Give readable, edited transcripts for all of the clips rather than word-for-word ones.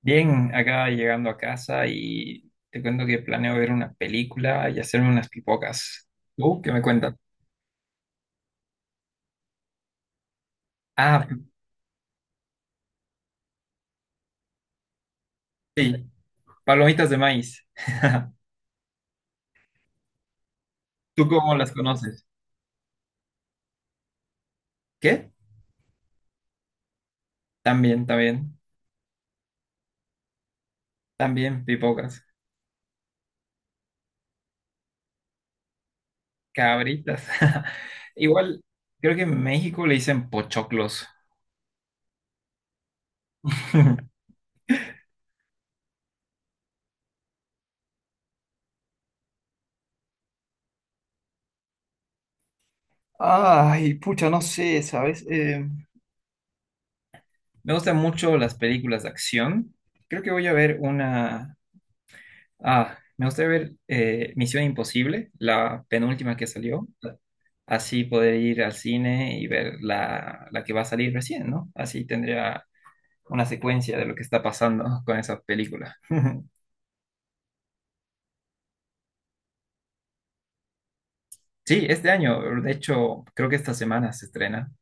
Bien, acá llegando a casa y te cuento que planeo ver una película y hacerme unas pipocas. ¿Tú qué me cuentas? Ah, sí, palomitas de maíz. ¿Tú cómo las conoces? ¿Qué? También, también, también pipocas, cabritas. Igual, creo que en México le dicen pochoclos. Ay, pucha, no sé, ¿sabes? Me gustan mucho las películas de acción. Creo que voy a ver una. Ah, me gustaría ver Misión Imposible, la penúltima que salió. Así poder ir al cine y ver la que va a salir recién, ¿no? Así tendría una secuencia de lo que está pasando con esa película. Sí, este año, de hecho, creo que esta semana se estrena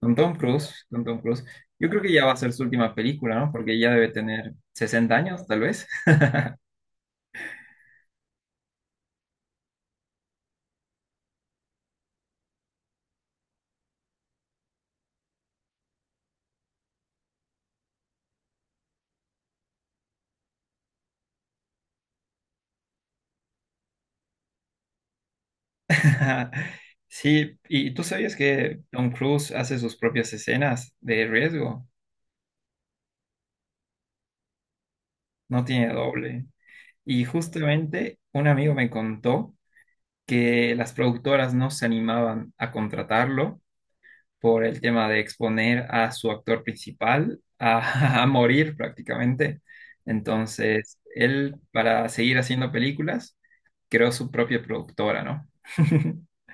con Tom Cruise, con Tom Cruise. Yo creo que ya va a ser su última película, ¿no? Porque ya debe tener 60 años, tal vez. Sí, ¿y tú sabías que Tom Cruise hace sus propias escenas de riesgo? No tiene doble. Y justamente un amigo me contó que las productoras no se animaban a contratarlo por el tema de exponer a su actor principal a, a morir prácticamente. Entonces, él, para seguir haciendo películas, creó su propia productora, ¿no?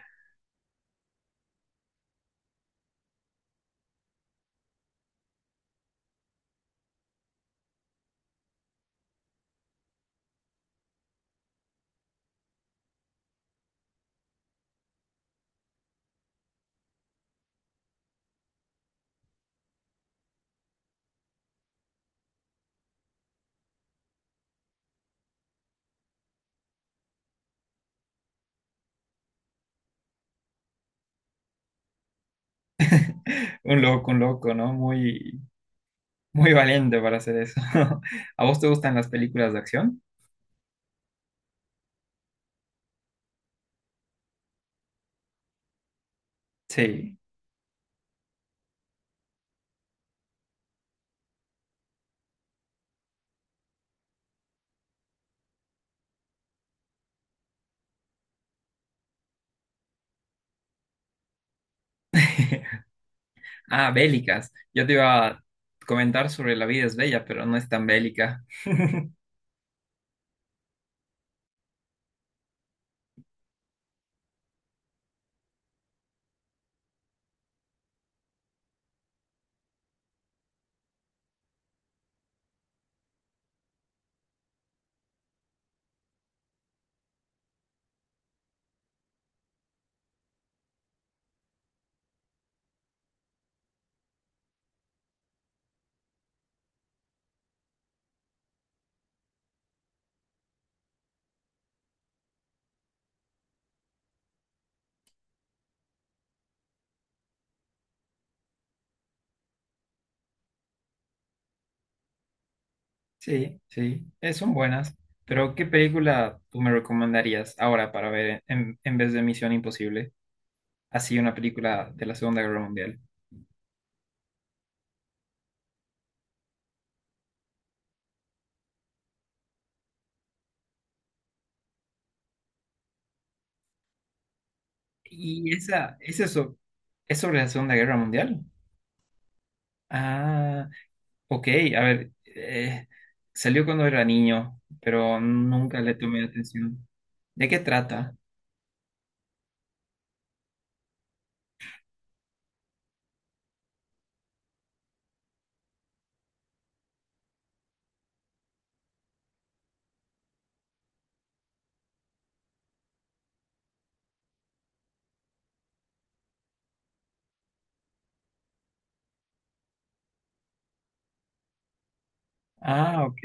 Un loco, ¿no? Muy, muy valiente para hacer eso. ¿A vos te gustan las películas de acción? Sí. Ah, bélicas. Yo te iba a comentar sobre La vida es bella, pero no es tan bélica. Sí, sí, son buenas. Pero, ¿qué película tú me recomendarías ahora para ver en vez de Misión Imposible? Así, una película de la Segunda Guerra Mundial. ¿Y esa, es eso, es sobre la Segunda Guerra Mundial? Ah, ok, a ver, salió cuando era niño, pero nunca le tomé atención. ¿De qué trata? Ah, ok.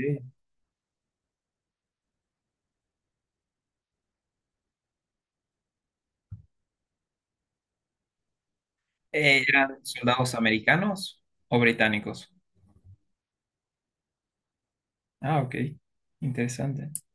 ¿Eran soldados americanos o británicos? Ah, ok. Interesante.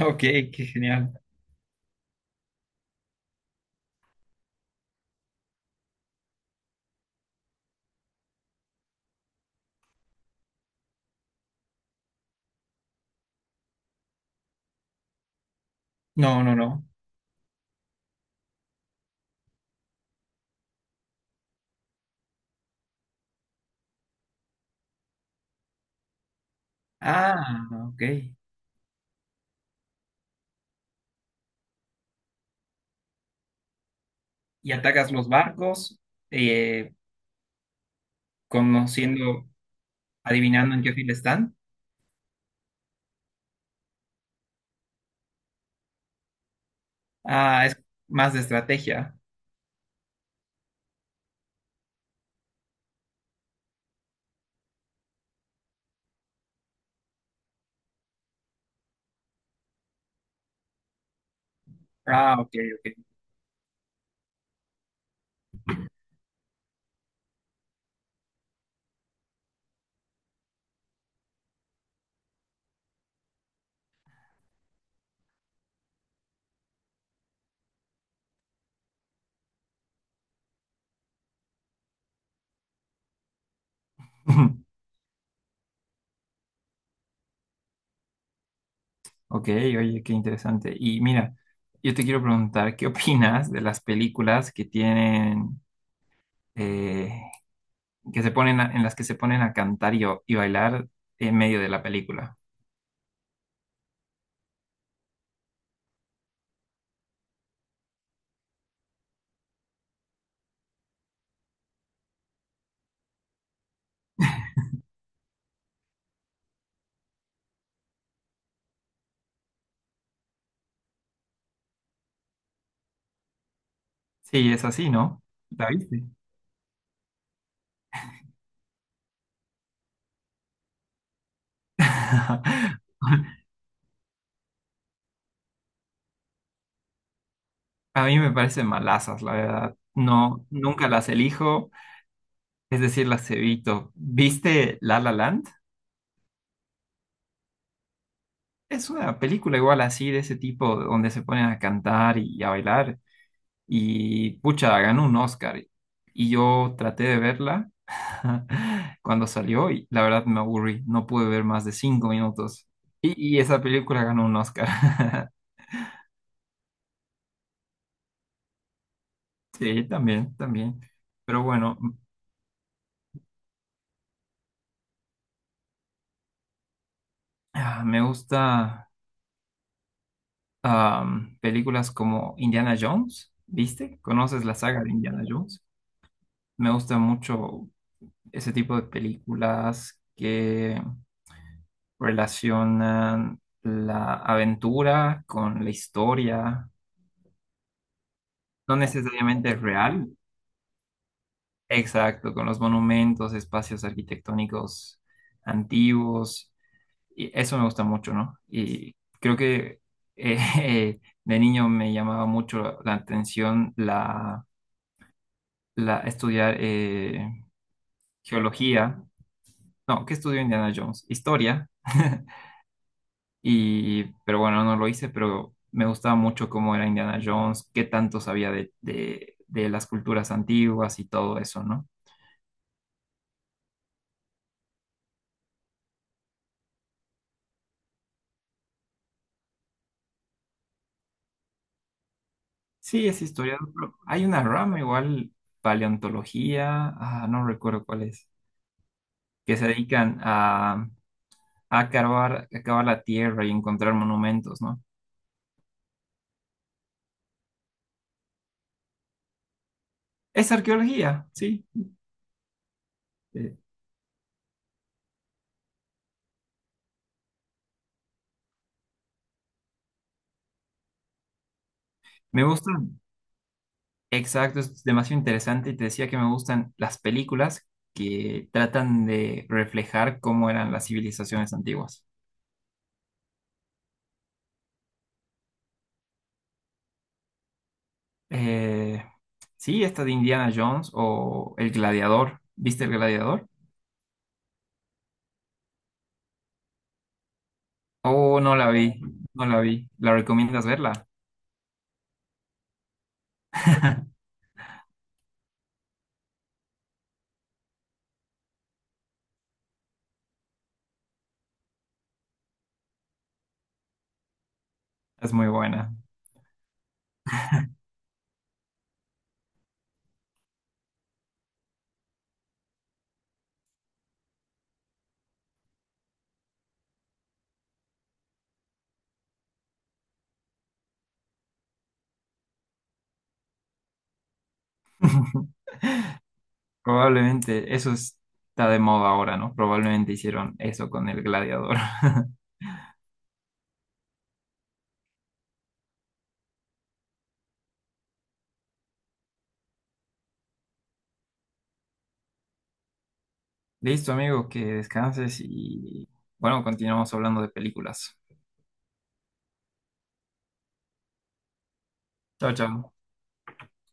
Ok, qué genial. No, no, no. Ah, ok. ¿Y atacas los barcos eh, conociendo, adivinando en qué fila están? Ah, es más de estrategia. Ah, ok, ok. Ok, oye, qué interesante. Y mira, yo te quiero preguntar, ¿qué opinas de las películas que tienen, eh, que se ponen en las que se ponen a cantar y bailar en medio de la película? Sí, es así, ¿no? ¿La viste? A mí me parecen malazas, la verdad. No, nunca las elijo, es decir, las evito. ¿Viste La La Land? Es una película igual así, de ese tipo, donde se ponen a cantar y a bailar. Y pucha, ganó un Oscar. Y yo traté de verla cuando salió y la verdad me aburrí. No pude ver más de 5 minutos. Y esa película ganó un Oscar. Sí, también, también. Pero bueno, ah, me gusta películas como Indiana Jones, ¿viste? ¿Conoces la saga de Indiana Jones? Me gusta mucho ese tipo de películas que relacionan la aventura con la historia, no necesariamente real, exacto, con los monumentos, espacios arquitectónicos antiguos, y eso me gusta mucho, ¿no? Y creo que eh, de niño me llamaba mucho la atención la estudiar geología, no, ¿qué estudió Indiana Jones? Historia. Y, pero bueno, no lo hice, pero me gustaba mucho cómo era Indiana Jones, qué tanto sabía de las culturas antiguas y todo eso, ¿no? Sí, es historiador. Pero hay una rama igual, paleontología, ah, no recuerdo cuál es, que se dedican a cavar la tierra y encontrar monumentos, ¿no? Es arqueología, sí. Eh, me gusta. Exacto, es demasiado interesante y te decía que me gustan las películas que tratan de reflejar cómo eran las civilizaciones antiguas. Eh, sí, esta de Indiana Jones o El Gladiador. ¿Viste El Gladiador? Oh, no la vi, no la vi. ¿La recomiendas verla? Es muy buena. Probablemente eso está de moda ahora, ¿no? Probablemente hicieron eso con El Gladiador. Listo, amigo, que descanses y bueno, continuamos hablando de películas. Chao, chao.